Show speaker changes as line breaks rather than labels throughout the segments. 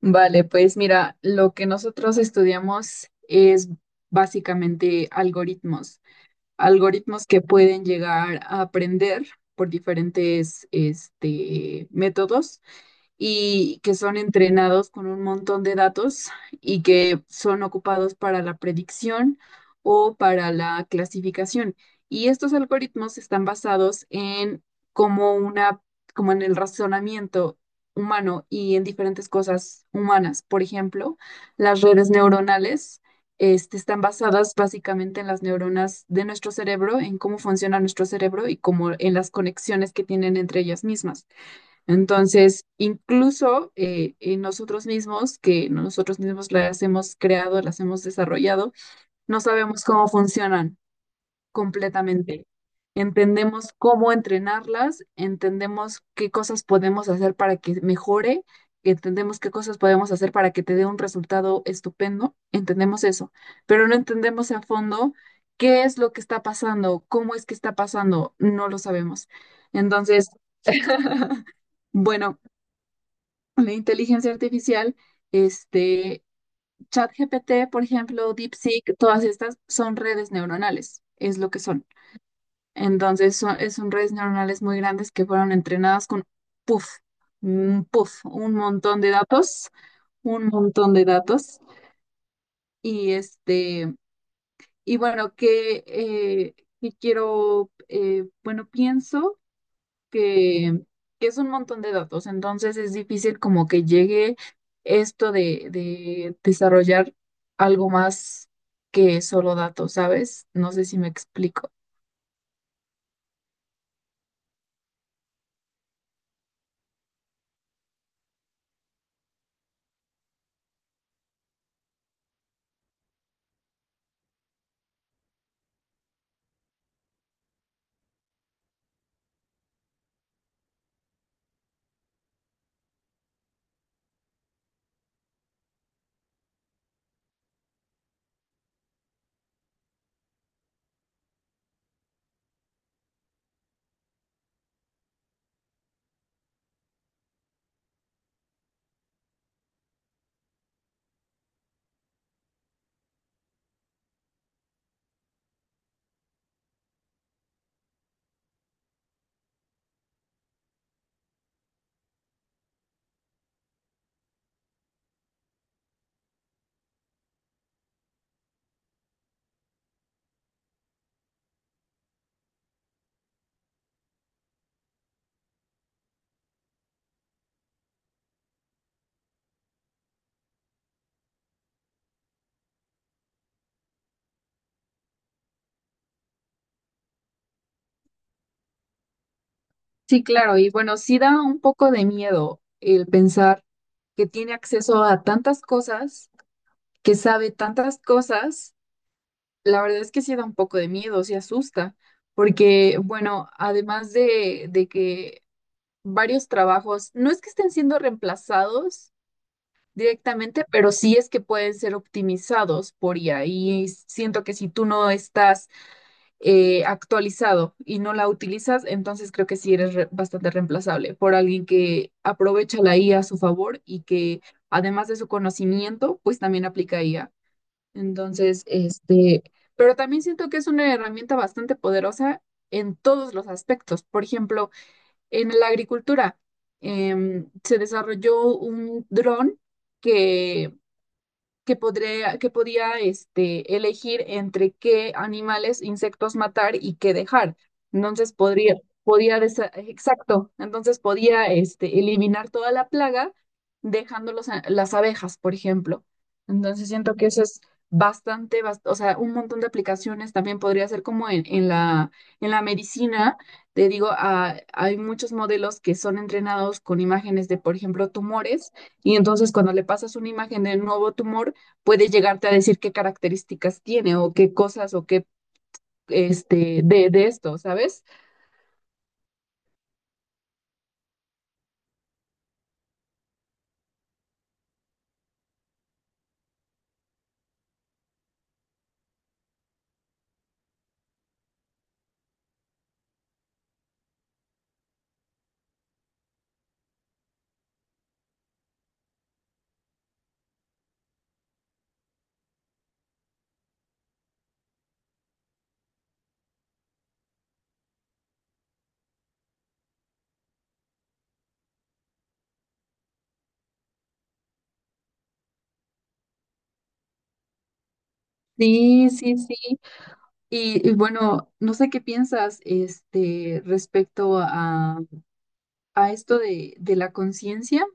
Vale, pues mira, lo que nosotros estudiamos es básicamente algoritmos, algoritmos que pueden llegar a aprender por diferentes métodos y que son entrenados con un montón de datos y que son ocupados para la predicción o para la clasificación. Y estos algoritmos están basados en como una, como en el razonamiento humano y en diferentes cosas humanas. Por ejemplo, las redes neuronales. Están basadas básicamente en las neuronas de nuestro cerebro, en cómo funciona nuestro cerebro y como en las conexiones que tienen entre ellas mismas. Entonces, incluso en nosotros mismos, que nosotros mismos las hemos creado, las hemos desarrollado, no sabemos cómo funcionan completamente. Entendemos cómo entrenarlas, entendemos qué cosas podemos hacer para que mejore, entendemos qué cosas podemos hacer para que te dé un resultado estupendo, entendemos eso, pero no entendemos a fondo qué es lo que está pasando, cómo es que está pasando, no lo sabemos. Entonces, bueno, la inteligencia artificial, este, ChatGPT, por ejemplo, DeepSeek, todas estas son redes neuronales, es lo que son. Entonces, son redes neuronales muy grandes que fueron entrenadas con, puff, un montón de datos, un montón de datos. Y y bueno, bueno, pienso que, que es un montón de datos, entonces es difícil como que llegue esto de desarrollar algo más que solo datos, ¿sabes? No sé si me explico. Sí, claro, y bueno, sí da un poco de miedo el pensar que tiene acceso a tantas cosas, que sabe tantas cosas, la verdad es que sí da un poco de miedo, sí asusta, porque bueno, además de que varios trabajos, no es que estén siendo reemplazados directamente, pero sí es que pueden ser optimizados por IA, y siento que si tú no estás actualizado y no la utilizas, entonces creo que sí eres bastante reemplazable por alguien que aprovecha la IA a su favor y que además de su conocimiento, pues también aplica IA. Entonces, pero también siento que es una herramienta bastante poderosa en todos los aspectos. Por ejemplo, en la agricultura, se desarrolló un dron que que podía elegir entre qué animales, insectos matar y qué dejar. Entonces exacto, entonces podía eliminar toda la plaga dejando las abejas, por ejemplo. Entonces siento que eso es o sea, un montón de aplicaciones también podría ser como en la medicina. Te digo, hay muchos modelos que son entrenados con imágenes de, por ejemplo, tumores. Y entonces cuando le pasas una imagen de un nuevo tumor, puede llegarte a decir qué características tiene o qué cosas o qué de esto, ¿sabes? Sí, sí, sí. Y bueno, no sé qué piensas respecto a esto de la conciencia.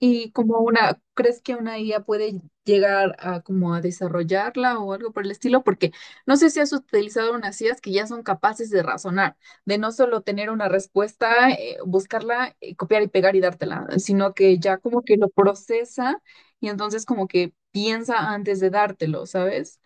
Y ¿crees que una IA puede llegar a como a desarrollarla o algo por el estilo? Porque no sé si has utilizado unas IAs que ya son capaces de razonar, de no solo tener una respuesta, buscarla, copiar y pegar y dártela, sino que ya como que lo procesa y entonces como que piensa antes de dártelo, ¿sabes?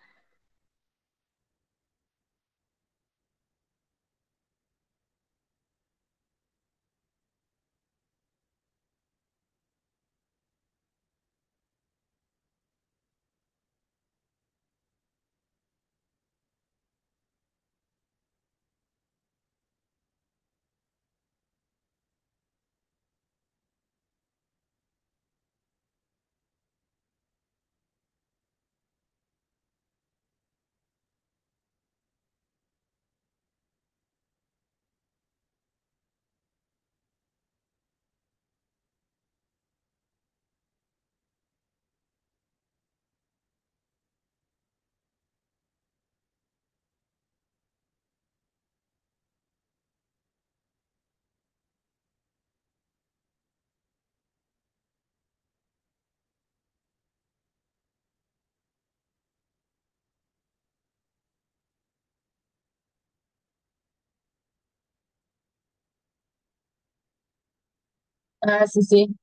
Ah, sí, sí.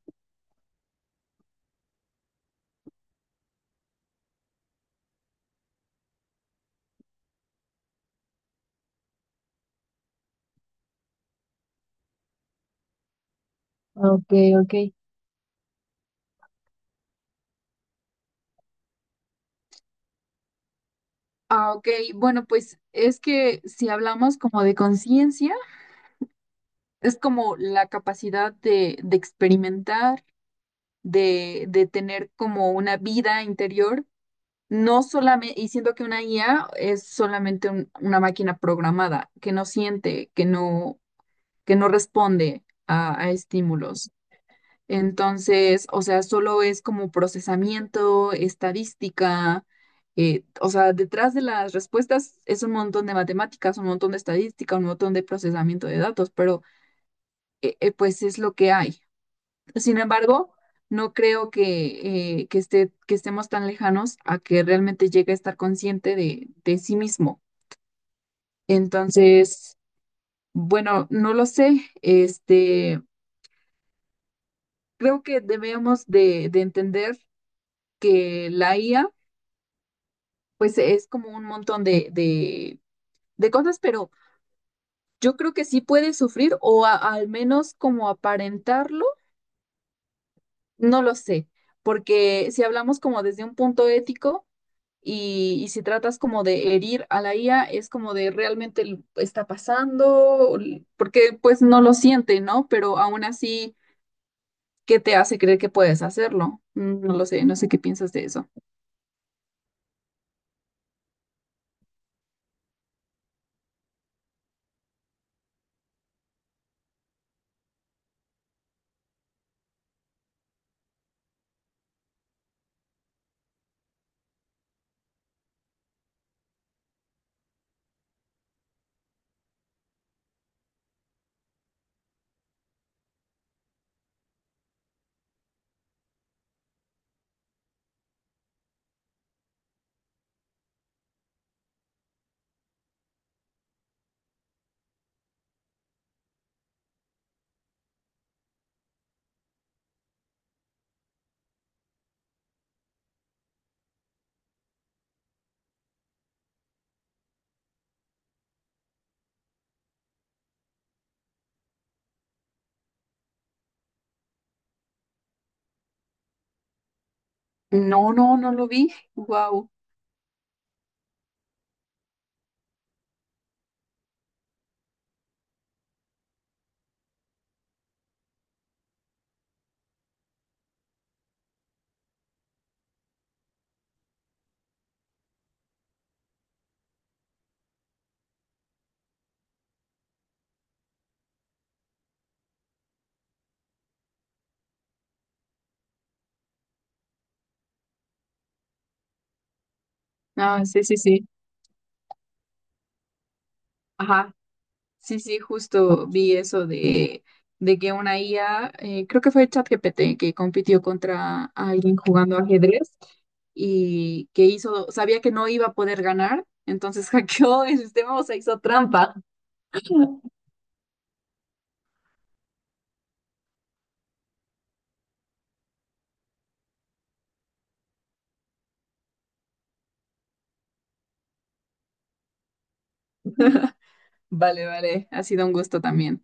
Ok, ok. Ah, ok. Bueno, pues es que si hablamos como de conciencia, es como la capacidad de experimentar de tener como una vida interior, no solamente, y siento que una IA es solamente una máquina programada, que no siente, que no responde a estímulos. Entonces, o sea, solo es como procesamiento, estadística, o sea, detrás de las respuestas es un montón de matemáticas, un montón de estadística, un montón de procesamiento de datos, pero pues es lo que hay. Sin embargo, no creo que, que estemos tan lejanos a que realmente llegue a estar consciente de sí mismo. Entonces, bueno, no lo sé. Creo que debemos de entender que la IA, pues es como un montón de cosas, pero yo creo que sí puede sufrir o al menos como aparentarlo, no lo sé. Porque si hablamos como desde un punto ético, y si tratas como de herir a la IA, es como de realmente está pasando, porque pues no lo siente, ¿no? Pero aún así, ¿qué te hace creer que puedes hacerlo? No lo sé, no sé qué piensas de eso. No, no, no lo vi. Wow. Ah, sí, sí, sí. Ajá. Sí, sí, justo vi eso de que una IA, creo que fue ChatGPT que compitió contra alguien jugando ajedrez y que hizo, sabía que no iba a poder ganar, entonces hackeó el sistema, o sea, hizo trampa. Vale, vale, ha sido un gusto también.